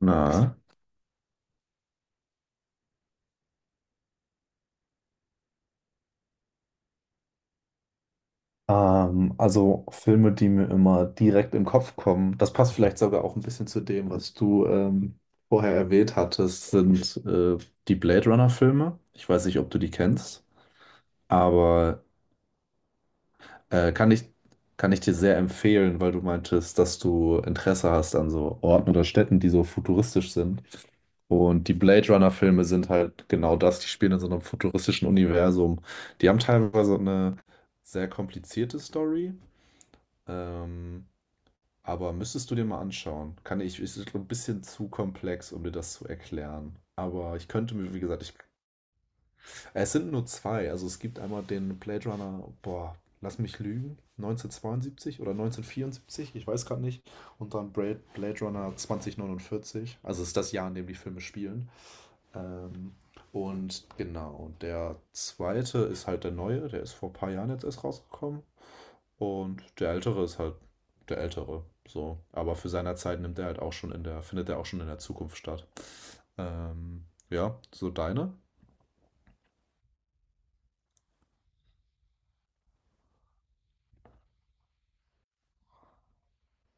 Na, also Filme, die mir immer direkt in den Kopf kommen. Das passt vielleicht sogar auch ein bisschen zu dem, was du vorher erwähnt hattest, sind die Blade Runner-Filme. Ich weiß nicht, ob du die kennst, aber äh, kann ich, kann ich dir sehr empfehlen, weil du meintest, dass du Interesse hast an so Orten oder Städten, die so futuristisch sind. Und die Blade Runner-Filme sind halt genau das, die spielen in so einem futuristischen Universum. Die haben teilweise eine sehr komplizierte Story. Ähm, aber müsstest du dir mal anschauen. Kann ich, ist ein bisschen zu komplex, um dir das zu erklären. Aber ich könnte mir, wie gesagt, es sind nur zwei. Also es gibt einmal den Blade Runner, boah, lass mich lügen, 1972 oder 1974, ich weiß gerade nicht. Und dann Blade Runner 2049. Also es ist das Jahr, in dem die Filme spielen. Ähm, und genau, der zweite ist halt der neue, der ist vor ein paar Jahren jetzt erst rausgekommen. Und der Ältere ist halt der Ältere, so. Aber für seiner Zeit nimmt er halt auch schon in der, findet er auch schon in der Zukunft statt. Ja, so deine?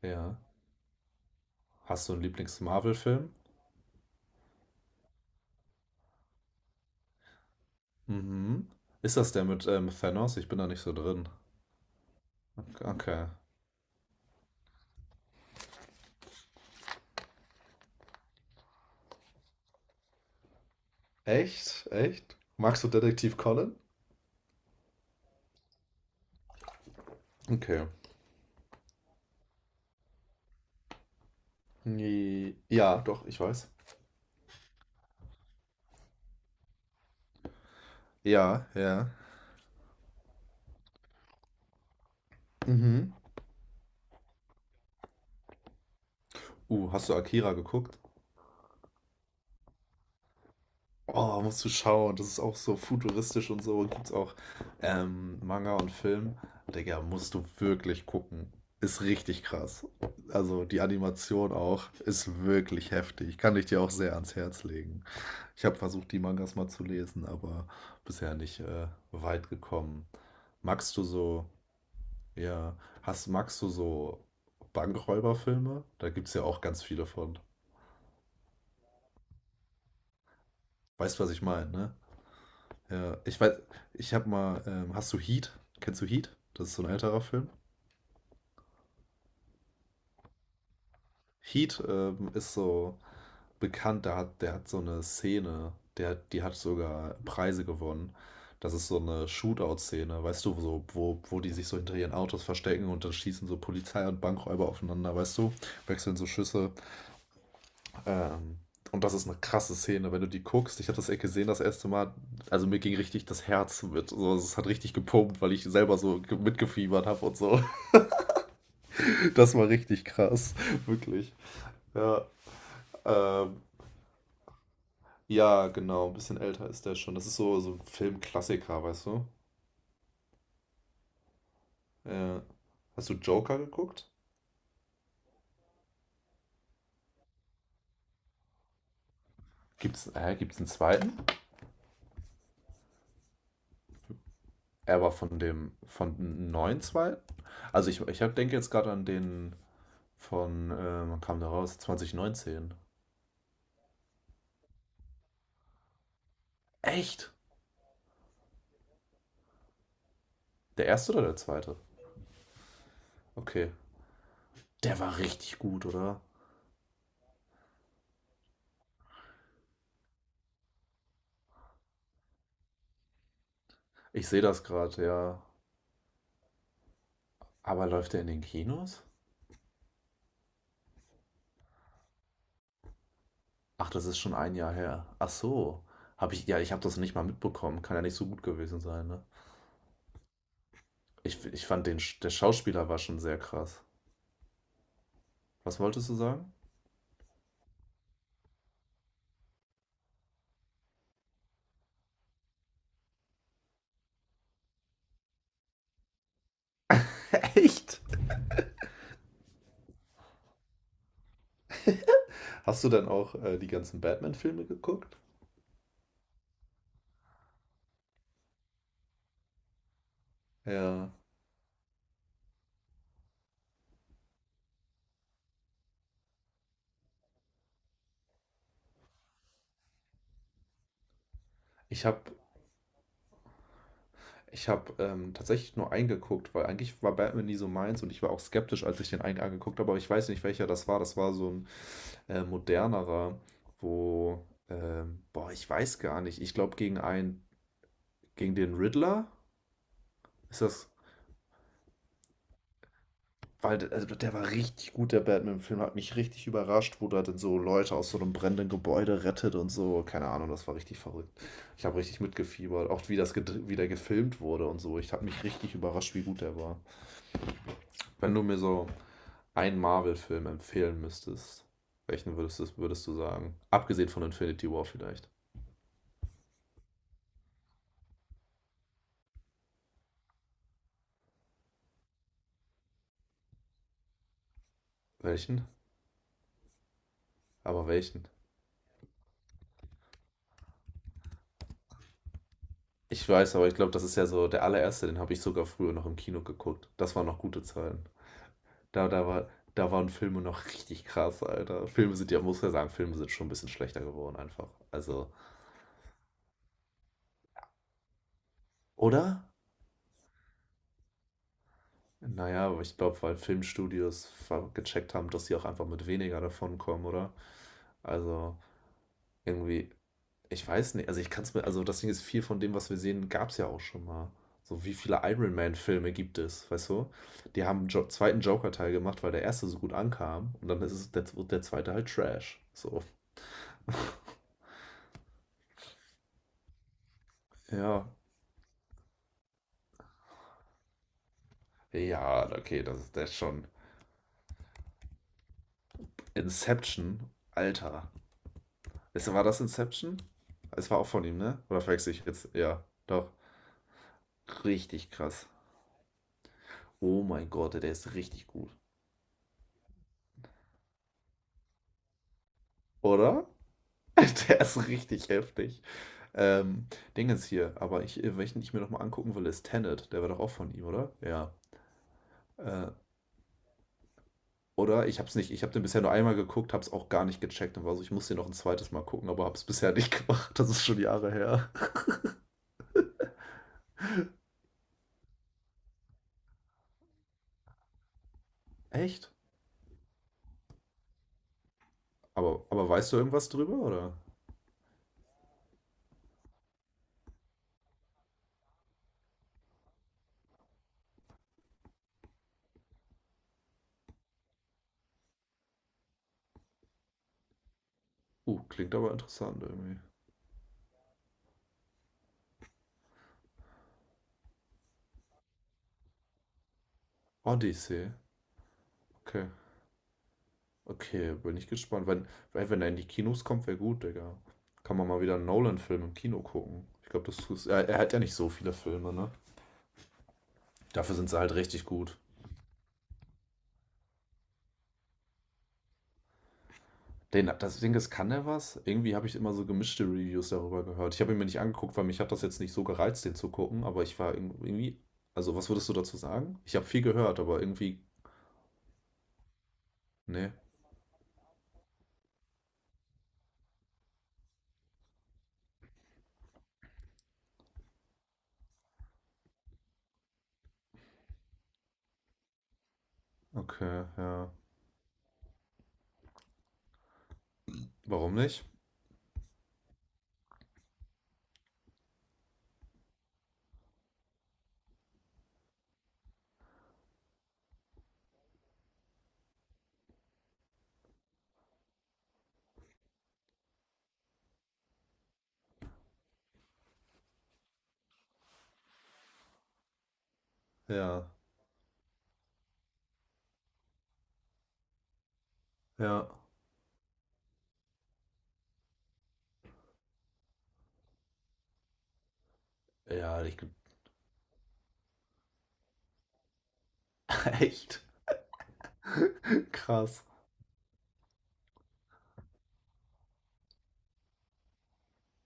Ja. Hast du einen Lieblings-Marvel-Film? Mhm. Ist das der mit Thanos? Ich bin da nicht so drin. Okay. Echt? Echt? Magst du Detektiv Conan? Okay. Nee. Ja, doch, ich weiß. Ja, ja. Mhm. Hast du Akira geguckt? Oh, musst du schauen. Das ist auch so futuristisch und so. Gibt's auch Manga und Film. Digga, musst du wirklich gucken. Ist richtig krass. Also die Animation auch ist wirklich heftig. Kann ich dir auch sehr ans Herz legen. Ich habe versucht, die Mangas mal zu lesen, aber bisher nicht weit gekommen. Magst du so, ja, magst du so Bankräuberfilme? Da gibt's ja auch ganz viele von. Weißt, was ich meine, ne? Ja, ich weiß, ich habe mal, hast du Heat? Kennst du Heat? Das ist so ein älterer Film. Heat ist so bekannt, der hat so eine Szene, die hat sogar Preise gewonnen. Das ist so eine Shootout-Szene, weißt du, so, wo die sich so hinter ihren Autos verstecken und dann schießen so Polizei und Bankräuber aufeinander, weißt du, wechseln so Schüsse. Ähm, und das ist eine krasse Szene, wenn du die guckst. Ich habe das echt gesehen das erste Mal. Also mir ging richtig das Herz mit. So, es hat richtig gepumpt, weil ich selber so mitgefiebert habe und so. Das war richtig krass, wirklich. Ja, ähm, ja, genau. Ein bisschen älter ist der schon. Das ist so, so ein Filmklassiker, weißt du? Äh, Hast du Joker geguckt? Gibt's, gibt's einen zweiten? Er war von dem, von einem neuen zweiten? Also denke jetzt gerade an den von, wann kam der raus? 2019. Echt? Der erste oder der zweite? Okay. Der war richtig gut, oder? Ich sehe das gerade, ja. Aber läuft der in den Kinos? Ach, das ist schon ein Jahr her. Ach so. Ja, ich habe das nicht mal mitbekommen. Kann ja nicht so gut gewesen sein, ne? Ich fand den, der Schauspieler war schon sehr krass. Was wolltest du sagen? Echt? Hast du dann auch die ganzen Batman-Filme geguckt? Ja. Ich habe Ich habe tatsächlich nur eingeguckt, weil eigentlich war Batman nie so meins und ich war auch skeptisch, als ich den einen angeguckt habe, aber ich weiß nicht, welcher das war. Das war so ein modernerer, boah, ich weiß gar nicht. Ich glaube, gegen den Riddler ist das, weil also der war richtig gut, der Batman-Film, hat mich richtig überrascht, wo der dann so Leute aus so einem brennenden Gebäude rettet und so. Keine Ahnung, das war richtig verrückt. Ich habe richtig mitgefiebert, auch wie das wie der gefilmt wurde und so. Ich habe mich richtig überrascht, wie gut der war. Wenn du mir so einen Marvel-Film empfehlen müsstest, welchen würdest du sagen? Abgesehen von Infinity War vielleicht. Welchen? Aber welchen? Ich weiß, aber ich glaube, das ist ja so der allererste, den habe ich sogar früher noch im Kino geguckt. Das waren noch gute Zeiten. Da waren Filme noch richtig krass, Alter. Filme sind ja, muss ja sagen, Filme sind schon ein bisschen schlechter geworden einfach. Also, oder? Naja, aber ich glaube, weil Filmstudios gecheckt haben, dass sie auch einfach mit weniger davon kommen, oder? Also, irgendwie, ich weiß nicht, also ich kann es mir, also das Ding ist, viel von dem, was wir sehen, gab es ja auch schon mal. So wie viele Iron Man-Filme gibt es, weißt du? Die haben einen jo zweiten Joker-Teil gemacht, weil der erste so gut ankam und dann der zweite halt Trash. So, ja. Ja, okay, das ist schon. Inception, Alter. Weißt du, war das Inception? Es war auch von ihm, ne? Oder verwechsel ich jetzt? Ja, doch. Richtig krass. Oh mein Gott, der ist richtig gut. Oder? Der ist richtig heftig. Ähm, Dingens hier, welchen ich mir nochmal angucken will, ist Tenet. Der war doch auch von ihm, oder? Ja. Äh, oder? Ich hab's nicht. Ich hab den bisher nur einmal geguckt, hab's auch gar nicht gecheckt und war so, ich muss den noch ein zweites Mal gucken, aber hab's bisher nicht gemacht. Das ist schon Jahre her. Echt? Aber weißt du irgendwas drüber, oder? Klingt aber interessant irgendwie. Odyssey. Okay. Okay, bin ich gespannt. Wenn er in die Kinos kommt, wäre gut, Digga. Kann man mal wieder einen Nolan-Film im Kino gucken. Ich glaube, das ist. Er hat ja nicht so viele Filme, ne? Dafür sind sie halt richtig gut. Den, das Ding ist, kann er was? Irgendwie habe ich immer so gemischte Reviews darüber gehört. Ich habe ihn mir nicht angeguckt, weil mich hat das jetzt nicht so gereizt, den zu gucken, aber ich war irgendwie. Also, was würdest du dazu sagen? Ich habe viel gehört, aber irgendwie. Nee. Okay, ja. Warum nicht? Ja. Ja. Ja, ich, echt. Krass.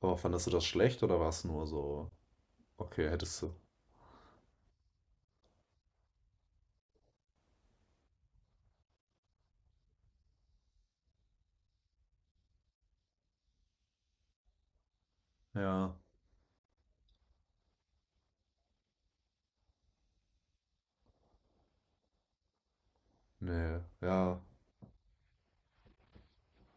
Aber fandest du das schlecht oder war es nur so? Okay, hättest du. Ja. Nee. Ja.